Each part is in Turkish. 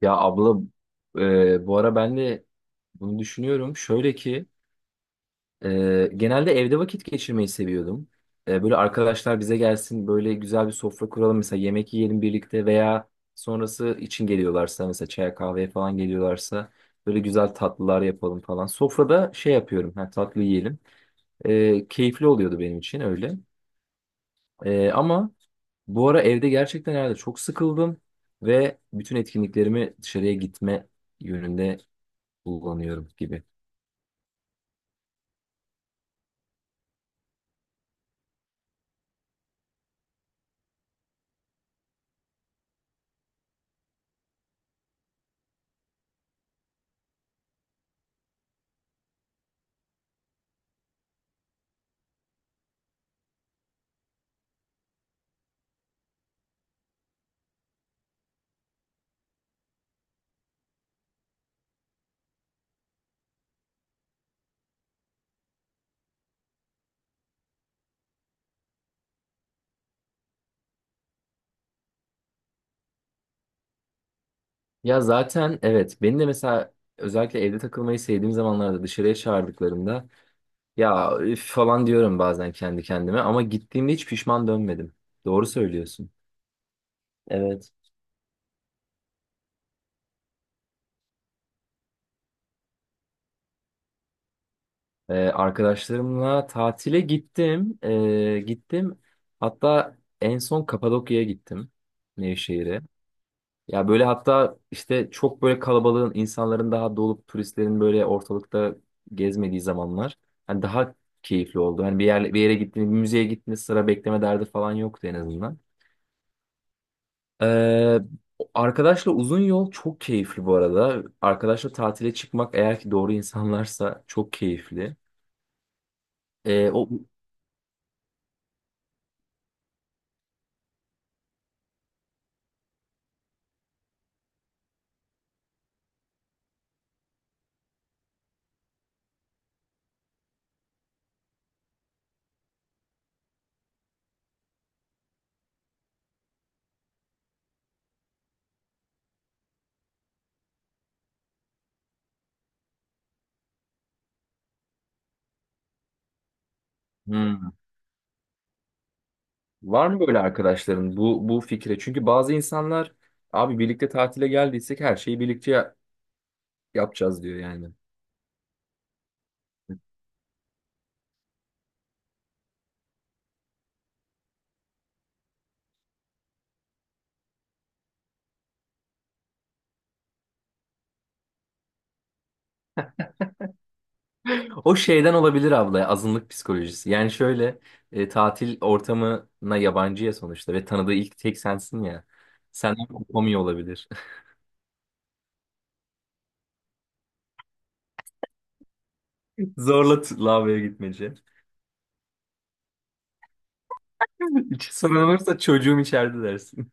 Ya abla, bu ara ben de bunu düşünüyorum. Şöyle ki, genelde evde vakit geçirmeyi seviyordum. Böyle arkadaşlar bize gelsin, böyle güzel bir sofra kuralım. Mesela yemek yiyelim birlikte veya sonrası için geliyorlarsa, mesela çaya kahveye falan geliyorlarsa böyle güzel tatlılar yapalım falan. Sofrada şey yapıyorum, ha, tatlı yiyelim. Keyifli oluyordu benim için öyle. Ama bu ara evde gerçekten herhalde çok sıkıldım ve bütün etkinliklerimi dışarıya gitme yönünde kullanıyorum gibi. Ya zaten evet, beni de mesela özellikle evde takılmayı sevdiğim zamanlarda dışarıya çağırdıklarında ya üf falan diyorum bazen kendi kendime, ama gittiğimde hiç pişman dönmedim. Doğru söylüyorsun. Evet. Arkadaşlarımla tatile gittim. Gittim. Hatta en son Kapadokya'ya gittim. Nevşehir'e. Ya böyle, hatta işte çok böyle kalabalığın, insanların daha dolup turistlerin böyle ortalıkta gezmediği zamanlar hani daha keyifli oldu. Hani bir yer bir yere gittiniz, bir müzeye gittiniz, sıra bekleme derdi falan yoktu en azından. Ee, Arkadaşla uzun yol çok keyifli bu arada. Arkadaşla tatile çıkmak eğer ki doğru insanlarsa çok keyifli. O Hmm. Var mı böyle arkadaşların bu fikre? Çünkü bazı insanlar abi birlikte tatile geldiysek her şeyi birlikte yapacağız diyor yani. O şeyden olabilir abla, azınlık psikolojisi. Yani şöyle, tatil ortamına yabancıya sonuçta ve tanıdığı ilk tek sensin ya. Senden kopamıyor olabilir. Zorla lavaboya gitmece. Hiç sorun olursa çocuğum içeride dersin.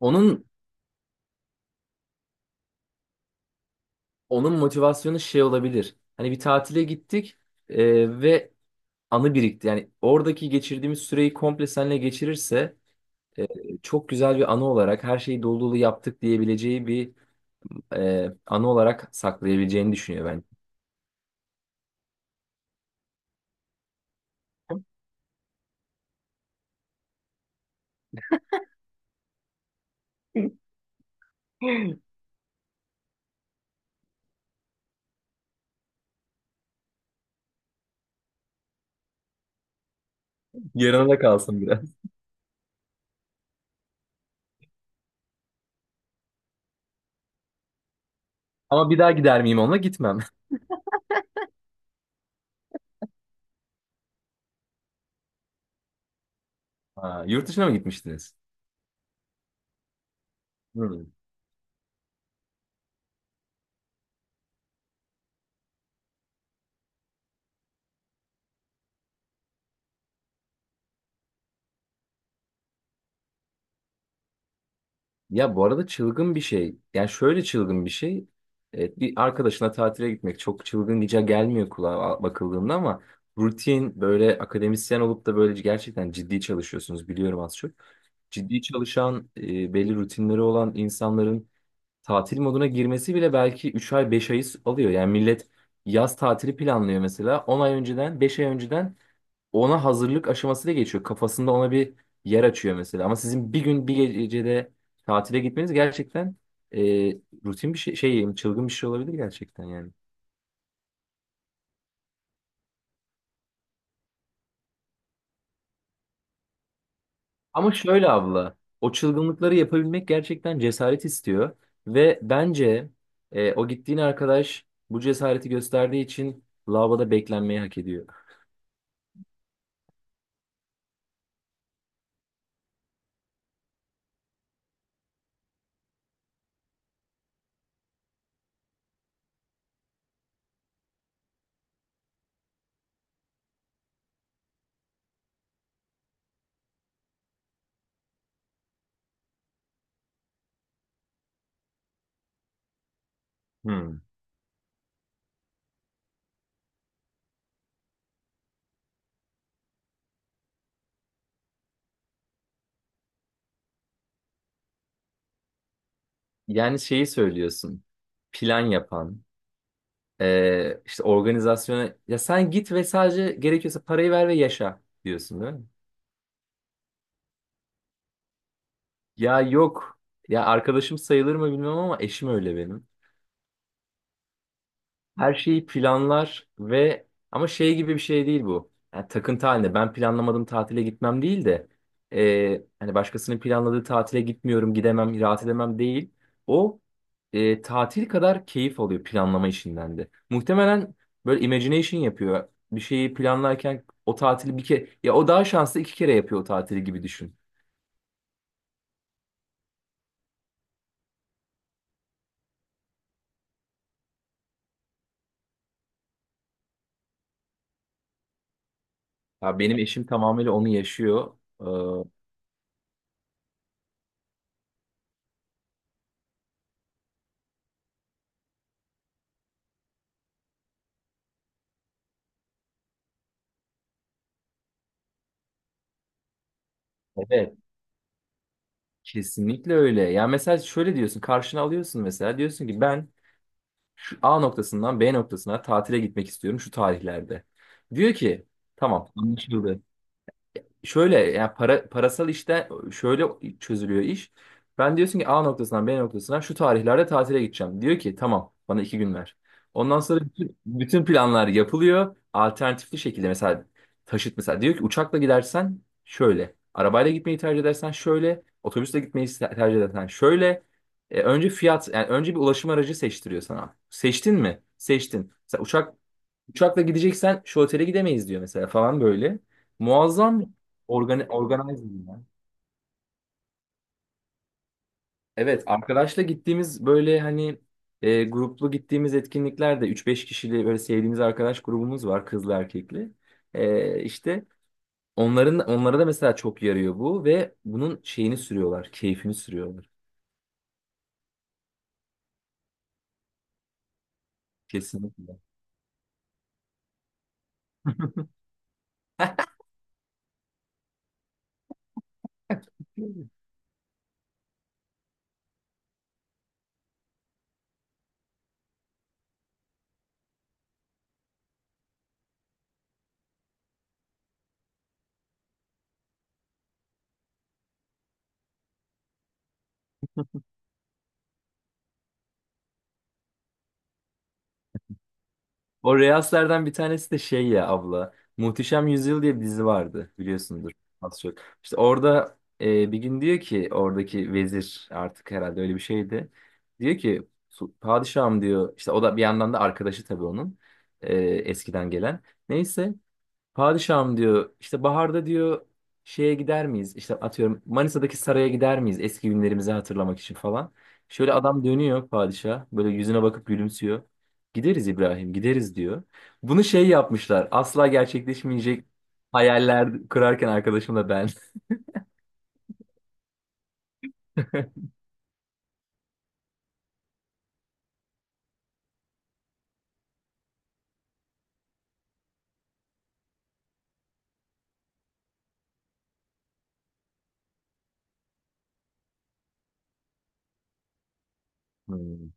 Onun onun motivasyonu şey olabilir. Hani bir tatile gittik e, ve anı birikti. Yani oradaki geçirdiğimiz süreyi komple seninle geçirirse e, çok güzel bir anı olarak her şeyi dolu dolu yaptık diyebileceği bir anı olarak saklayabileceğini düşünüyor ben. Yarına da kalsın biraz. Ama bir daha gider miyim onunla? Gitmem. Ha, yurt dışına mı gitmiştiniz? Hmm. Ya bu arada çılgın bir şey. Yani şöyle çılgın bir şey. Evet, bir arkadaşına tatile gitmek çok çılgın diyeceği gelmiyor kulağa bakıldığında ama rutin böyle akademisyen olup da böyle gerçekten ciddi çalışıyorsunuz biliyorum az çok. Ciddi çalışan belli rutinleri olan insanların tatil moduna girmesi bile belki 3 ay 5 ayı alıyor. Yani millet yaz tatili planlıyor mesela 10 ay önceden 5 ay önceden, ona hazırlık aşaması da geçiyor. Kafasında ona bir yer açıyor mesela. Ama sizin bir gün bir gecede tatile gitmeniz gerçekten e, rutin bir şey, çılgın bir şey olabilir gerçekten yani. Ama şöyle abla, o çılgınlıkları yapabilmek gerçekten cesaret istiyor ve bence o gittiğin arkadaş bu cesareti gösterdiği için lavaboda beklenmeyi hak ediyor. Hmm. Yani şeyi söylüyorsun. Plan yapan. İşte organizasyona ya sen git ve sadece gerekiyorsa parayı ver ve yaşa diyorsun değil mi? Ya yok. Ya arkadaşım sayılır mı bilmem ama eşim öyle benim. Her şeyi planlar ve ama şey gibi bir şey değil bu. Yani takıntı halinde ben planlamadım tatile gitmem değil de, hani başkasının planladığı tatile gitmiyorum, gidemem, rahat edemem değil. O tatil kadar keyif alıyor planlama işinden de. Muhtemelen böyle imagination yapıyor. Bir şeyi planlarken o tatili bir kere, ya o daha şanslı, iki kere yapıyor o tatili gibi düşün. Ya benim eşim tamamıyla onu yaşıyor. Evet. Kesinlikle öyle. Ya mesela şöyle diyorsun, karşına alıyorsun, mesela diyorsun ki ben şu A noktasından B noktasına tatile gitmek istiyorum şu tarihlerde. Diyor ki tamam anlaşıldı, şöyle yani, parasal işte şöyle çözülüyor iş. Ben diyorsun ki A noktasından B noktasına şu tarihlerde tatile gideceğim. Diyor ki tamam, bana 2 gün ver. Ondan sonra bütün planlar yapılıyor. Alternatifli şekilde mesela taşıt, mesela diyor ki uçakla gidersen şöyle. Arabayla gitmeyi tercih edersen şöyle. Otobüsle gitmeyi tercih edersen şöyle. Önce fiyat, yani önce bir ulaşım aracı seçtiriyor sana. Seçtin mi? Seçtin. Mesela uçak. Uçakla gideceksen şu otele gidemeyiz diyor mesela falan böyle. Muazzam organizing ya. Evet, arkadaşla gittiğimiz böyle hani gruplu gittiğimiz etkinliklerde üç beş kişili böyle sevdiğimiz arkadaş grubumuz var, kızlı erkekli. İşte onların, onlara da mesela çok yarıyor bu ve bunun şeyini sürüyorlar, keyfini sürüyorlar. Kesinlikle. O Reels'lerden bir tanesi de şey ya abla. Muhteşem Yüzyıl diye bir dizi vardı, biliyorsundur az çok. İşte orada bir gün diyor ki oradaki vezir artık herhalde öyle bir şeydi. Diyor ki padişahım diyor işte, o da bir yandan da arkadaşı tabii onun eskiden gelen. Neyse, padişahım diyor, işte baharda diyor şeye gider miyiz? İşte atıyorum Manisa'daki saraya gider miyiz eski günlerimizi hatırlamak için falan." Şöyle adam dönüyor, padişah böyle yüzüne bakıp gülümsüyor. "Gideriz İbrahim, gideriz" diyor. Bunu şey yapmışlar, asla gerçekleşmeyecek hayaller kurarken arkadaşımla ben. Hmm.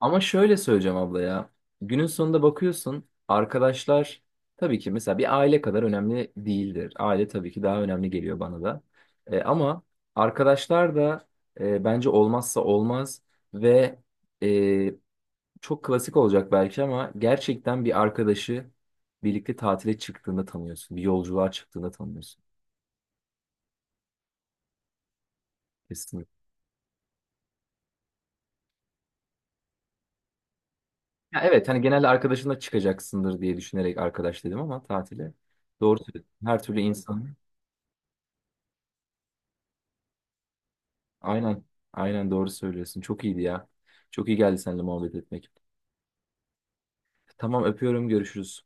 Ama şöyle söyleyeceğim abla ya. Günün sonunda bakıyorsun arkadaşlar tabii ki mesela bir aile kadar önemli değildir. Aile tabii ki daha önemli geliyor bana da. Ama arkadaşlar da bence olmazsa olmaz ve e, çok klasik olacak belki ama gerçekten bir arkadaşı birlikte tatile çıktığında tanıyorsun. Bir yolculuğa çıktığında tanıyorsun. Kesinlikle. Ya evet, hani genelde arkadaşınla çıkacaksındır diye düşünerek arkadaş dedim, ama tatile. Doğru söylüyorsun. Her türlü insan. Aynen. Aynen doğru söylüyorsun. Çok iyiydi ya. Çok iyi geldi seninle muhabbet etmek. Tamam öpüyorum. Görüşürüz.